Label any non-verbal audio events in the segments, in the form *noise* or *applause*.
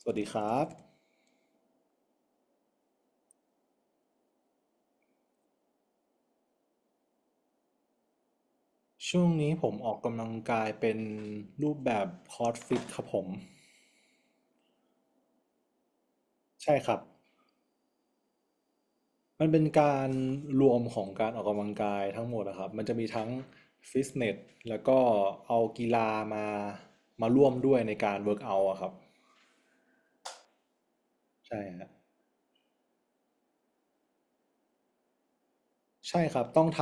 สวัสดีครับช่วงนี้ผมออกกำลังกายเป็นรูปแบบคอร์สฟิตครับผมใช่ครับมันเป็นการรวมของการออกกำลังกายทั้งหมดนะครับมันจะมีทั้งฟิตเนสแล้วก็เอากีฬามามาร่วมด้วยในการเวิร์กเอาท์อะครับใช่ฮะ ใช่ครับต้องท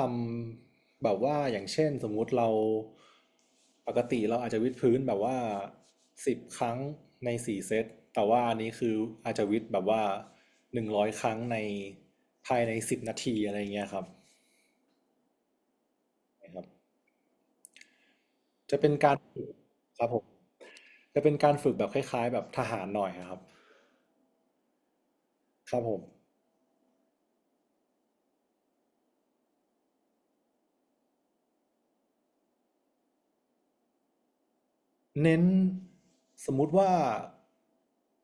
ำแบบว่าอย่างเช่นสมมุติเราปกติเราอาจจะวิดพื้นแบบว่า10 ครั้งใน4 เซตแต่ว่าอันนี้คืออาจจะวิดแบบว่า100 ครั้งในภายใน10 นาทีอะไรเงี้ยครับนะครับจะเป็นการฝึกครับผมจะเป็นการฝึกแบบคล้ายๆแบบทหารหน่อยครับครับผม เน้นสมมุติว่า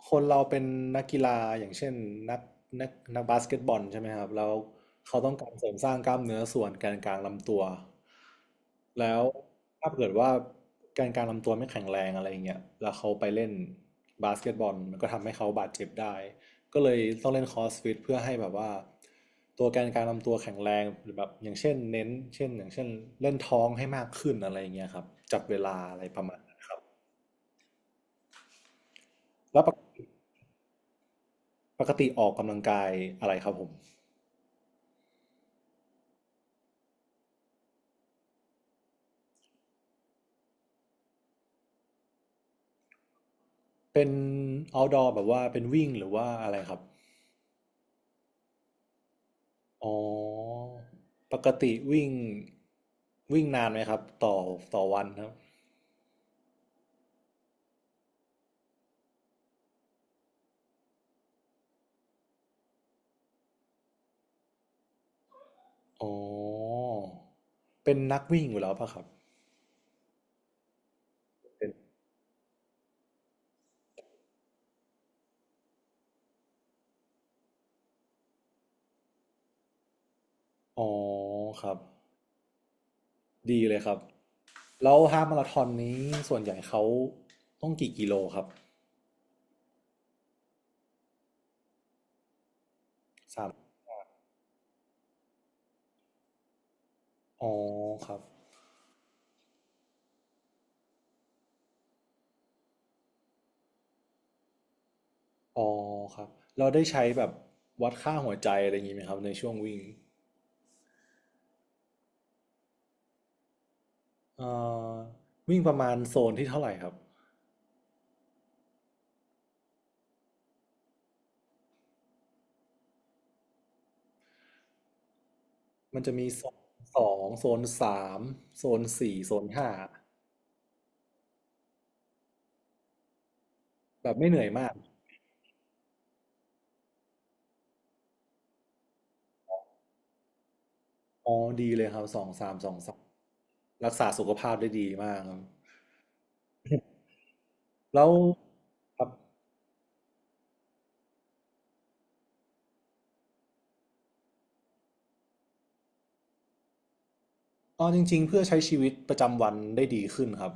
คนเราเป็นนักกีฬาอย่างเช่นนักนักนักบาสเกตบอลใช่ไหมครับแล้วเขาต้องการเสริมสร้างกล้ามเนื้อส่วนแกนกลางลำตัวแล้วถ้าเกิดว่าแกนกลางลำตัวไม่แข็งแรงอะไรอย่างเงี้ยแล้วเขาไปเล่นบาสเกตบอลมันก็ทำให้เขาบาดเจ็บได้ก็เลยต้องเล่นคอร์สฟิตเพื่อให้แบบว่าตัวแกนกลางลำตัวแข็งแรงหรือแบบอย่างเช่นเน้นเช่นอย่างเช่นเล่นท้องให้มากขึ้นอะไรอย่างเงี้ยครับจับเวลาอะไรประมาณ แล้วปกติออกกำลังกายอะไรครับผมเป็น outdoor แบบว่าเป็นวิ่งหรือว่าอะไรครับอ๋อปกติวิ่งวิ่งนานไหมครับต่อวันครับอ๋อเป็นนักวิ่งอยู่แล้วป่ะครับเป็นอ๋อครับดีเลยครับแล้วฮาล์ฟมาราธอนนี้ส่วนใหญ่เขาต้องกี่กิโลครับอ๋อครับอ๋อครับ เราได้ใช้แบบวัดค่าหัวใจอะไรอย่างนี้ไหมครับในช่วงวิ่ง เอ่อวิ่งประมาณโซนที่เท่าไหร่ครับ มันจะมีโซน 2โซน 3โซน 4โซน 5แบบไม่เหนื่อยมากอ๋อดีเลยครับสองสามสองสามรักษาสุขภาพได้ดีมาก *laughs* ครับแล้วครับอ๋อจริงๆเพื่อใช้ชีวิตประจำวันได้ดีขึ้นครับ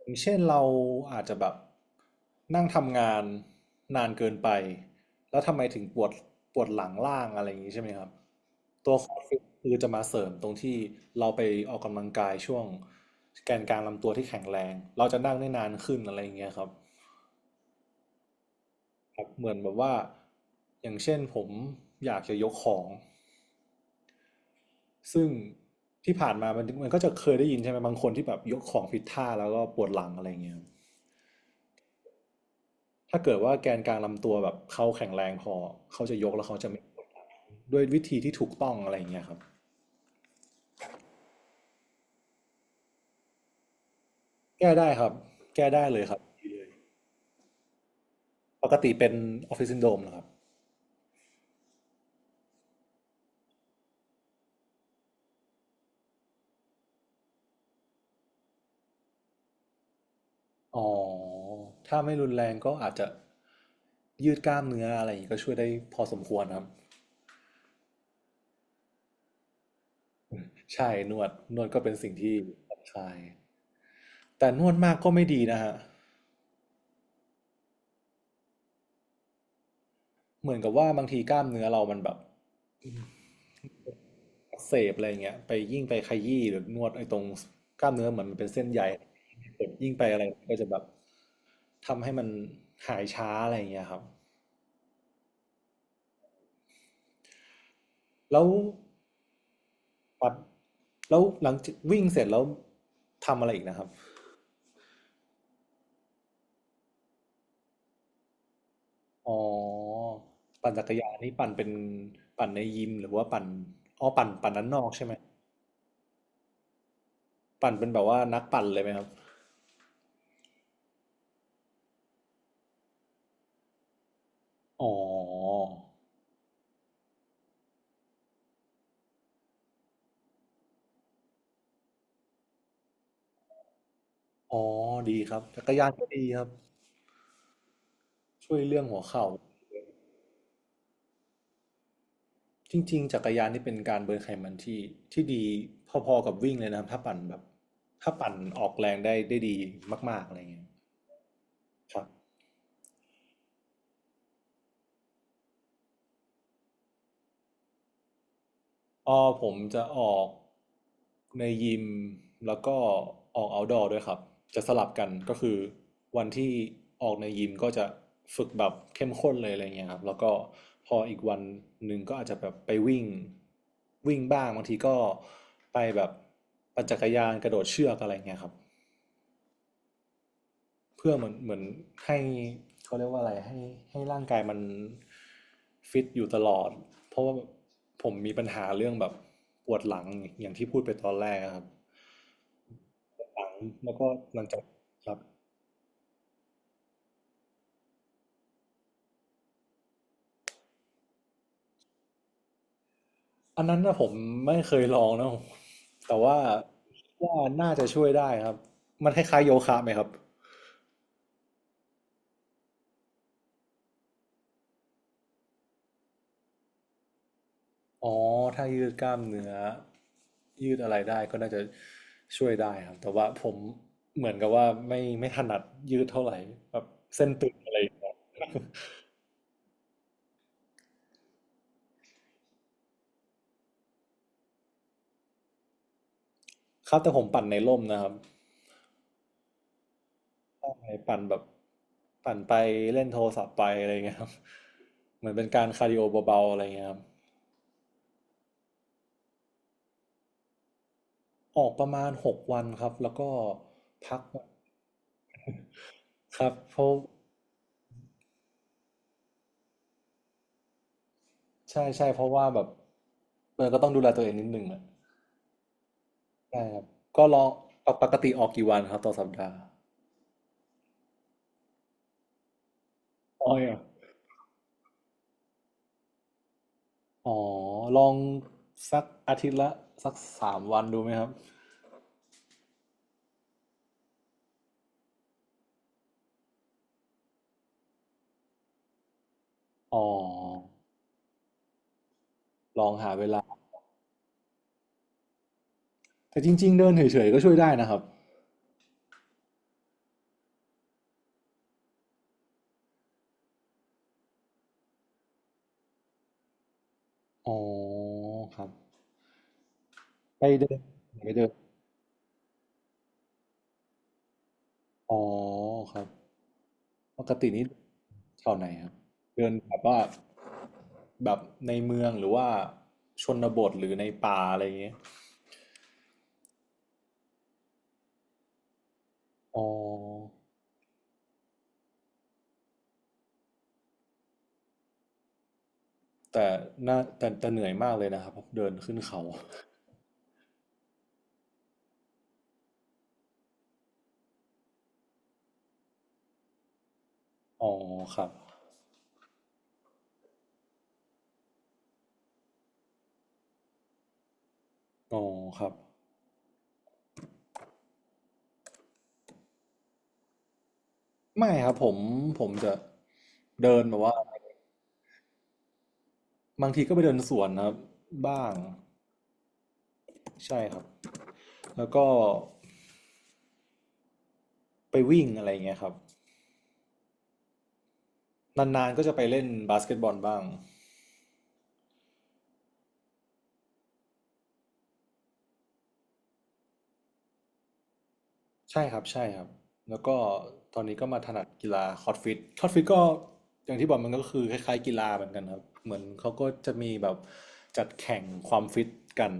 อย่างเช่นเราอาจจะแบบนั่งทำงานนานเกินไปแล้วทำไมถึงปวดปวดหลังล่างอะไรอย่างนี้ใช่ไหมครับตัวคอร์ฟิตคือจะมาเสริมตรงที่เราไปออกกำลังกายช่วงแกนกลางลำตัวที่แข็งแรงเราจะนั่งได้นานขึ้นอะไรอย่างเงี้ยครับครับเหมือนแบบว่าอย่างเช่นผมอยากจะยกของซึ่งที่ผ่านมามันก็จะเคยได้ยินใช่ไหมบางคนที่แบบยกของผิดท่าแล้วก็ปวดหลังอะไรอย่างเงี้ย ถ้าเกิดว่าแกนกลางลำตัวแบบเขาแข็งแรงพอเขาจะยกแล้วเขาจะไม่ด้วยวิธีที่ถูกต้องอะไรอย่างเงี้ยครับแก้ได้ครับแก้ได้เลยครับปกติเป็นออฟฟิศซินโดรมนะครับอ๋อถ้าไม่รุนแรงก็อาจจะยืดกล้ามเนื้ออะไรอย่างงี้ก็ช่วยได้พอสมควรครับใช่นวดนวดก็เป็นสิ่งที่ผ่อนคลายแต่นวดมากก็ไม่ดีนะฮะเหมือนกับว่าบางทีกล้ามเนื้อเรามันแบบอักเสบอะไรอย่างเงี้ยไปยิ่งไปขยี้หรือนวดไอ้ตรงกล้ามเนื้อเหมือนมันเป็นเส้นใยยิ่งไปอะไรก็จะแบบ ทำให้มันหายช้าอะไรอย่างเงี้ยครับแล้วปัดแล้วหลังจากวิ่งเสร็จแล้วทำอะไรอีกนะครับอ๋อปั่นจักรยานนี่ปั่นเป็นปั่นในยิมหรือว่าปั่นอ๋อปั่นปั่นด้านนอกใช่ไหมปั่นเป็นแบบว่านักปั่นเลยไหมครับอ๋ออ๋อดีครับจักรยานก็ดีครับช่วยเรื่องหัวเข่าจริงๆจักรยานนี่เป็นการเบิร์นไขมันที่ดีพอๆกับวิ่งเลยนะครับถ้าปั่นแบบถ้าปั่นออกแรงได้ดีมากๆอะไรเงี้ยครับ อ๋อผมจะออกในยิมแล้วก็ออกอาท์ดอร์ด้วยครับจะสลับกันก็คือวันที่ออกในยิมก็จะฝึกแบบเข้มข้นเลยอะไรเงี้ยครับแล้วก็พออีกวันหนึ่งก็อาจจะแบบไปวิ่งวิ่งบ้างบางทีก็ไปแบบปั่นจักรยานกระโดดเชือกอะไรเงี้ยครับ เพื่อเหมือนให้เขาเรียกว่าอะไรให้ร่างกายมันฟิตอยู่ตลอดเพราะว่าผมมีปัญหาเรื่องแบบปวดหลังอย่างที่พูดไปตอนแรกอะครับหลังแล้วก็หลังจากครับอันนั้นนะผมไม่เคยลองนะแต่ว่าว่าน่าจะช่วยได้ครับมันคล้ายๆโยคะไหมครับ อ๋อถ้ายืดกล้ามเนื้อยืดอะไรได้ก็น่าจะช่วยได้ครับแต่ว่าผมเหมือนกับว่าไม่ถนัดยืดเท่าไหร่แบบเส้นตึงอะไรอย่างเงี้ยครับแต่ผมปั่นในร่มนะครับใช่ปั่นแบบปั่นไปเล่นโทรศัพท์ไปอะไรอย่างเงี้ยครับเหมือนเป็นการคาร์ดิโอเบาๆอะไรอย่างเงี้ยครับออกประมาณ6 วันครับแล้วก็พักครับเพราะใช่ใช่เพราะว่าแบบเออก็ต้องดูแลตัวเองนิดนึงอ่ะใช่ครับก็ลองปกติออกกี่วันครับต่อสัปดาห์ ออยเหรออ๋อลองสักอาทิตย์ละสัก3 วันดูไหมครับอ๋อลองหาเวลาแต่จริงๆเดินเฉยๆก็ช่วยได้นะครับอ๋อครับไปเดินไปเดินอ๋อครับปกตินี้แถวไหนครับ เดินแบบว่าแบบในเมืองหรือว่าชนบทหรือในป่าอะไรอย่างเงี้ยอ๋อแต่น่าแต่เหนื่อยมากเลยนะครับเดินขึ้นเขาอ๋อครับอ๋อครับ ไม่ครับผมผมจะเดินแบบว่าบางทีก็ไปเดินสวนนะครับบ้างใช่ครับแล้วก็ไปวิ่งอะไรอย่างเงี้ยครับนานๆก็จะไปเล่นบาสเกตบอลบ้างใช่ครับใช่ครับแล้วก็ตอนนี้ก็มาถนัดกีฬาคอร์ดฟิตคอร์ดฟิตก็อย่างที่บอกมันก็คือคล้ายๆกีฬาเหมือนกันครับเหมือนเขาก็จะมีแบบจัดแข่งความฟิตกัน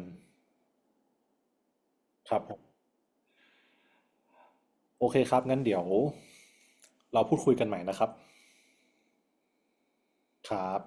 ครับผมโอเคครับงั้นเดี๋ยวเราพูดคุยกันใหม่นะครับครับ